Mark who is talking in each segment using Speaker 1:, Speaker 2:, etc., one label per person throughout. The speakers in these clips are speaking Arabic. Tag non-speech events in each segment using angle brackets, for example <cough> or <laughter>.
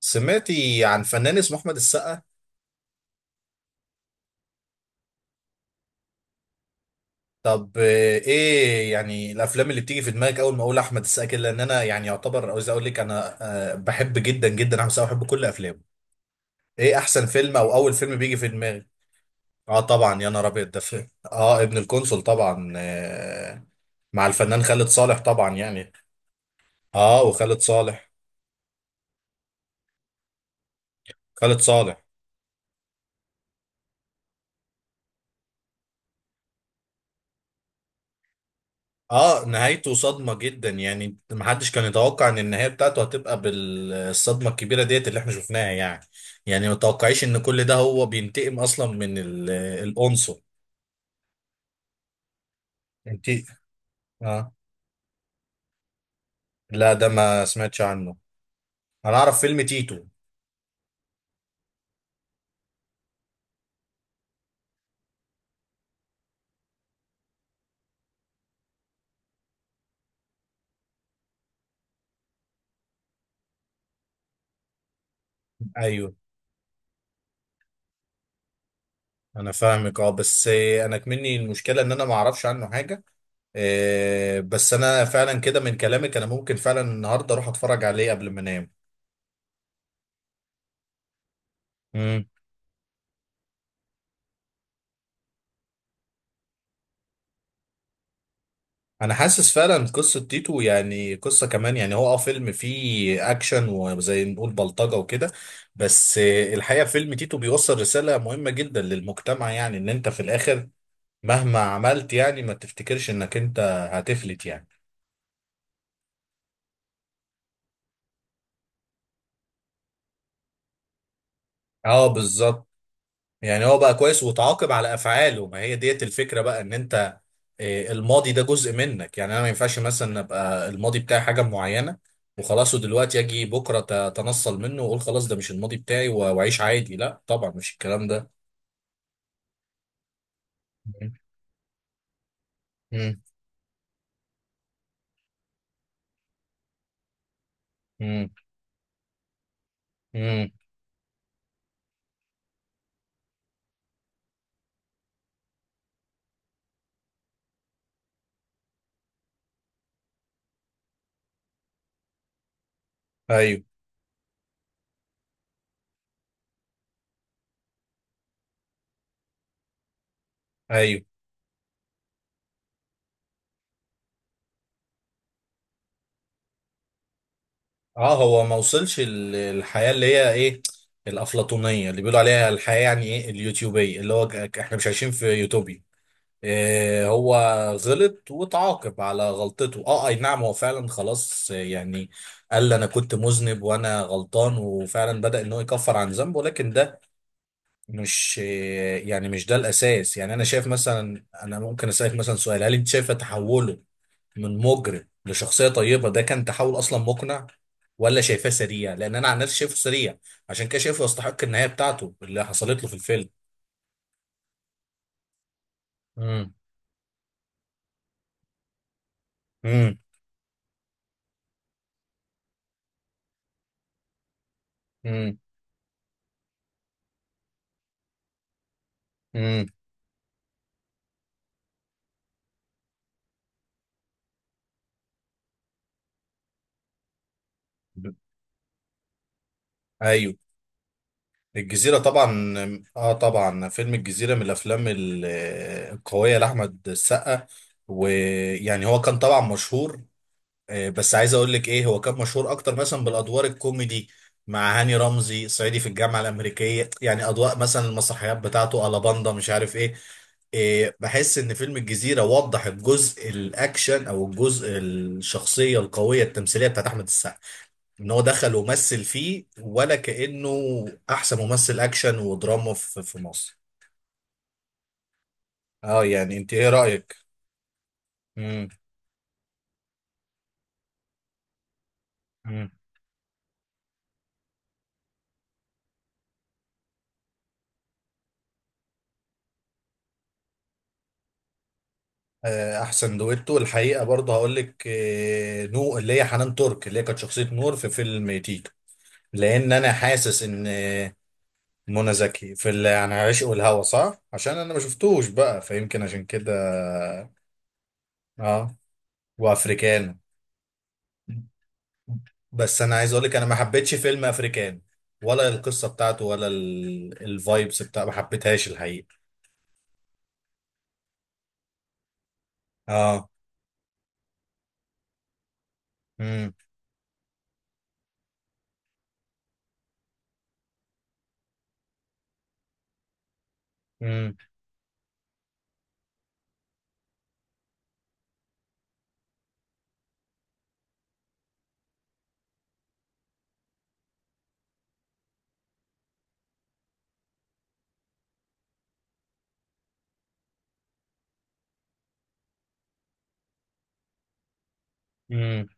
Speaker 1: سمعتي عن فنان اسمه احمد السقا. طب آه، ايه يعني الافلام اللي بتيجي في دماغك اول ما اقول احمد السقا كده، لان انا يعني يعتبر عاوز اقول لك انا. بحب جدا جدا احمد السقا، بحب كل افلامه. ايه احسن فيلم او اول فيلم بيجي في دماغك؟ اه طبعا، يا نهار ابيض، ده فيلم اه ابن القنصل طبعا آه. مع الفنان خالد صالح طبعا يعني. اه وخالد صالح. خالد صالح. اه نهايته صدمة جدا، يعني محدش كان يتوقع ان النهاية بتاعته هتبقى بالصدمة الكبيرة ديت اللي احنا شفناها يعني. يعني ما توقعيش ان كل ده هو بينتقم اصلا من ال- القنصل. انت اه. لا، ده ما سمعتش عنه. انا اعرف فيلم تيتو. ايوه. انا فاهمك اه، بس انا كمني المشكلة ان انا ما اعرفش عنه حاجة. بس انا فعلا كده من كلامك انا ممكن فعلا النهارده اروح اتفرج عليه قبل ما انام. مم. انا حاسس فعلا قصه تيتو يعني قصه كمان، يعني هو اه فيلم فيه اكشن وزي نقول بلطجه وكده. بس الحقيقه فيلم تيتو بيوصل رساله مهمه جدا للمجتمع، يعني ان انت في الاخر مهما عملت يعني ما تفتكرش انك انت هتفلت يعني. اه بالظبط. يعني هو بقى كويس وتعاقب على افعاله، ما هي ديت الفكره بقى ان انت الماضي ده جزء منك. يعني انا ما ينفعش مثلا ابقى الماضي بتاعي حاجه معينه وخلاص، ودلوقتي اجي بكره اتنصل منه واقول خلاص ده مش الماضي بتاعي واعيش عادي. لا طبعا مش الكلام ده. امم امم امم ايوه. ايوه. اه هو ما وصلش ال- الحياه اللي هي ايه، الافلاطونيه اللي بيقولوا عليها الحياه، يعني ايه اليوتيوبيه، اللي هو ك- احنا مش عايشين في يوتوبيا. آه، هو غلط وتعاقب على غلطته، اه اي نعم هو فعلا خلاص آه، يعني قال انا كنت مذنب وانا غلطان، وفعلا بدأ ان هو يكفر عن ذنبه، لكن ده مش يعني مش ده الاساس. يعني انا شايف مثلا، انا ممكن اسالك مثلا سؤال: هل انت شايفه تحوله من مجرم لشخصيه طيبه ده كان تحول اصلا مقنع، ولا شايفاه سريع؟ لان انا عن نفسي شايفه سريع، عشان كده شايفه يستحق النهايه بتاعته اللي حصلت له في الفيلم. امم امم امم ايوه. الجزيرة طبعا، اه طبعا فيلم الجزيرة من الافلام ال- القوية لاحمد السقا. ويعني هو كان طبعا مشهور، بس عايز اقول لك ايه، هو كان مشهور اكتر مثلا بالادوار الكوميدي مع هاني رمزي، صعيدي في الجامعة الامريكية يعني، اضواء مثلا، المسرحيات بتاعته، الاباندا، مش عارف ايه. بحس ان فيلم الجزيرة وضح الجزء الاكشن او الجزء الشخصية القوية التمثيلية بتاعت احمد السقا، ان هو دخل ومثل فيه ولا كأنه احسن ممثل اكشن ودراما في مصر. اه يعني انت ايه رأيك؟ امم. مم. آه، احسن دويتو الحقيقة برضه هقول لك آه، نو اللي هي حنان ترك اللي هي كانت شخصية نور في فيلم تيتو، لان انا حاسس ان آه، منى زكي في اللي عن عشق والهوى صح، عشان انا ما شفتوش بقى فيمكن عشان كده. اه وافريكانو. بس انا عايز اقول لك انا ما حبيتش فيلم افريكان، ولا القصه بتاعته ولا الفايبس بتاع ما حبيتهاش الحقيقه. اه. امم امم امم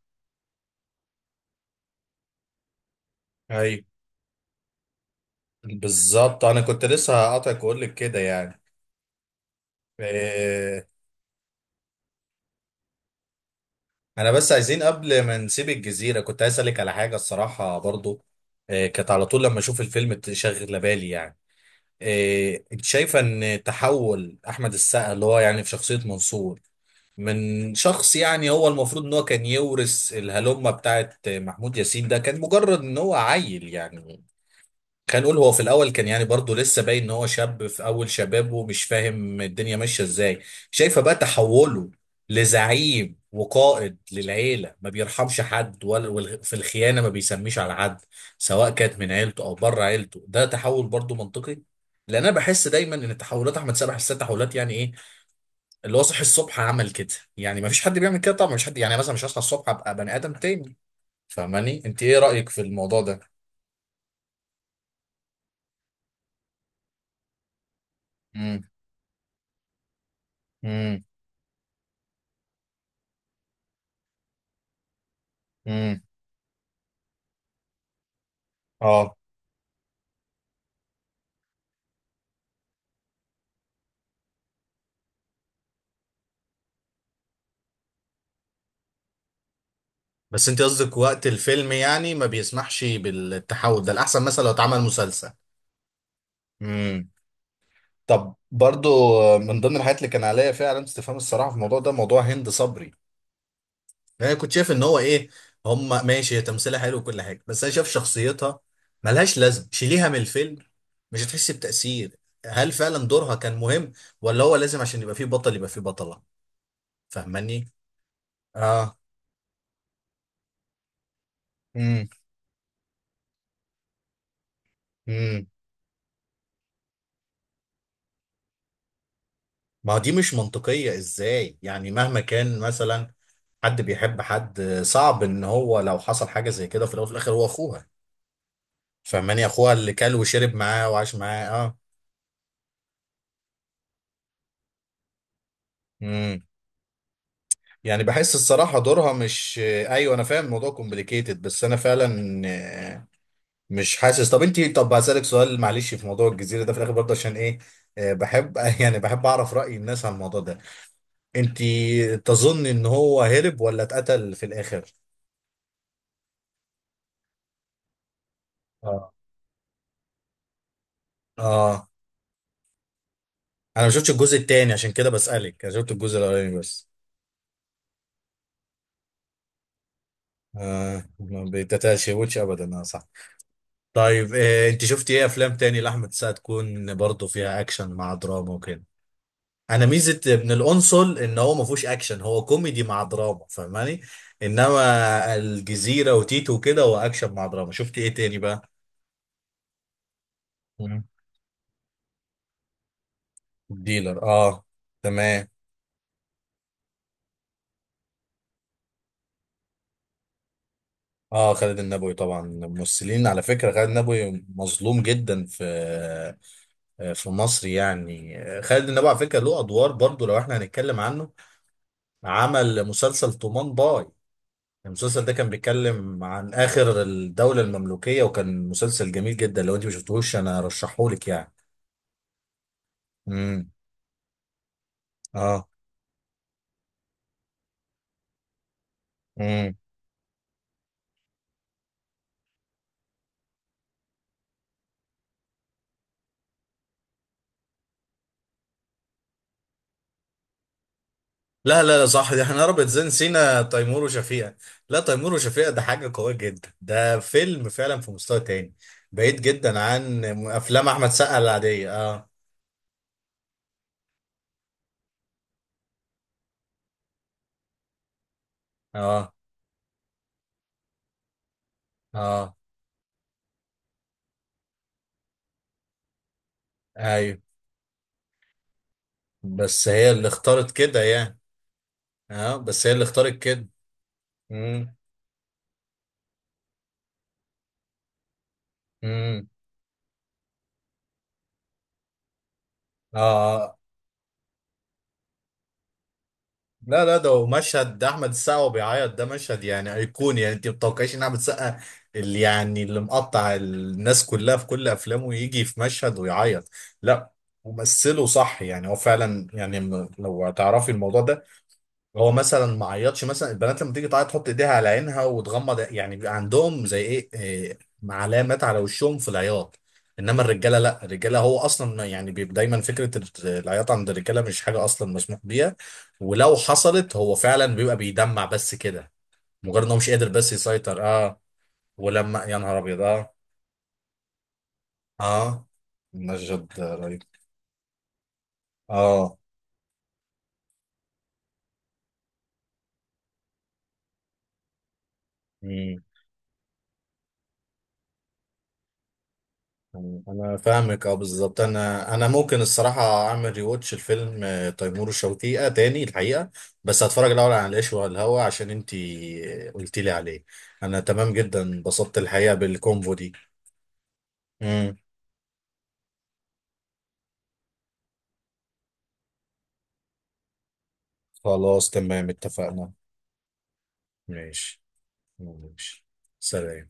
Speaker 1: ايوه بالظبط، انا كنت لسه هقاطعك واقول لك كده يعني. إيه. انا بس عايزين قبل ما نسيب الجزيره كنت عايز اسالك على حاجه الصراحه برضو. إيه كانت على طول لما اشوف الفيلم تشغل بالي يعني. إيه انت شايفه ان تحول احمد السقا اللي هو يعني في شخصيه منصور من شخص يعني هو المفروض ان هو كان يورث الهلمة بتاعت محمود ياسين، ده كان مجرد ان هو عيل يعني. كان نقول هو في الاول كان يعني برضه لسه باين ان هو شاب في اول شبابه ومش فاهم الدنيا ماشية ازاي. شايفة بقى تحوله لزعيم وقائد للعيلة ما بيرحمش حد ولا في الخيانة ما بيسميش على حد، سواء كانت من عيلته او بره عيلته، ده تحول برضه منطقي. لان انا بحس دايما ان تحولات احمد سامح الست تحولات يعني ايه، اللي هو صحي الصبح عمل كده. يعني ما فيش حد بيعمل كده طبعا، مش حد يعني مثلا مش هصحى الصبح ابقى بني ادم تاني. فاهماني؟ انت ايه رايك في الموضوع ده؟ امم امم امم اه بس انت قصدك وقت الفيلم يعني ما بيسمحش بالتحول ده، الاحسن مثلا لو اتعمل مسلسل. امم. طب برضو، من ضمن الحاجات اللي كان عليا فيها علامة استفهام الصراحة في الموضوع ده موضوع هند صبري. انا كنت شايف ان هو ايه، هم ماشي هي تمثيلها حلو وكل حاجه، بس انا شايف شخصيتها ملهاش لازمه، شيليها من الفيلم مش هتحس بتأثير. هل فعلا دورها كان مهم، ولا هو لازم عشان يبقى فيه بطل يبقى فيه بطله؟ فاهماني؟ اه. امم امم ما دي مش منطقيه، ازاي يعني مهما كان مثلا حد بيحب حد، صعب ان هو لو حصل حاجه زي كده في الاول وفي الاخر هو اخوها. فاهماني، اخوها اللي كل وشرب معاه وعاش معاه. اه. يعني بحس الصراحة دورها مش ايوه، انا فاهم الموضوع كومبليكيتد، بس انا فعلا آه، مش حاسس. طب انت، طب هسألك سؤال معلش في موضوع الجزيرة ده في الاخر برضه عشان ايه، آه، بحب <laughs> يعني بحب اعرف رأي الناس عن الموضوع ده. انت تظن ان هو هرب ولا اتقتل في الاخر؟ اه. اه. انا ما شفتش الجزء التاني عشان كده بسألك، انا شفت الجزء الاولاني بس. آه ما بتتشوتش ابدا، اه صح. طيب آه، انت شفتي ايه افلام تاني لاحمد السقا تكون برضه فيها اكشن مع دراما وكده؟ انا ميزه ابن القنصل ان هو ما فيهوش اكشن، هو كوميدي مع دراما، فاهماني. انما الجزيره وتيتو وكده هو اكشن مع دراما. شفت ايه تاني بقى؟ مم. ديلر اه. تمام. اه خالد النبوي طبعا، ممثلين على فكره خالد النبوي مظلوم جدا في مصر. يعني خالد النبوي على فكره له ادوار برضو، لو احنا هنتكلم عنه عمل مسلسل طومان باي. المسلسل ده كان بيتكلم عن آخر الدولة المملوكية، وكان مسلسل جميل جدا، لو انت ما شفتهوش انا ارشحهولك يعني. امم. اه. امم. لا، صح، دي احنا ربط زين سينا تيمور وشفيقة. لا تيمور وشفيقة ده حاجة قوية جدا، ده فيلم فعلا في مستوى تاني بعيد جدا عن افلام احمد سقا العادية اه. اه. اه. ايوه، بس هي اللي اختارت كده يعني. اه بس هي اللي اختارت كده. امم. امم. اه. لا، ده مشهد، ده احمد السقا وهو بيعيط، ده مشهد يعني ايقوني يعني، انت ما بتتوقعيش ان احمد السقا اللي يعني اللي مقطع الناس كلها في كل افلامه يجي في مشهد ويعيط. لا. ومثله صح، يعني هو فعلا يعني م- لو هتعرفي الموضوع ده، هو مثلا ما عيطش. مثلا البنات لما تيجي تعيط تحط ايديها على عينها وتغمض يعني، بيبقى عندهم زي ايه إيه، علامات على وشهم في العياط. انما الرجاله لا، الرجاله هو اصلا ما- يعني بيبقى دايما فكره العياط عند الرجاله مش حاجه اصلا مسموح بيها، ولو حصلت هو فعلا بيبقى بيدمع بس كده، مجرد ان هو مش قادر بس يسيطر اه. ولما يا نهار ابيض اه. اه. مجد رهيب. اه. انا فاهمك اه بالظبط. انا انا ممكن الصراحه اعمل ريواتش الفيلم آه، تيمور وشفيقة تاني الحقيقه، بس هتفرج الاول على العيش والهوى عشان انتي قلتي لي عليه. انا تمام جدا، انبسطت الحقيقه بالكونفو دي. مم. خلاص تمام اتفقنا. ماشي. ماشي. سلام.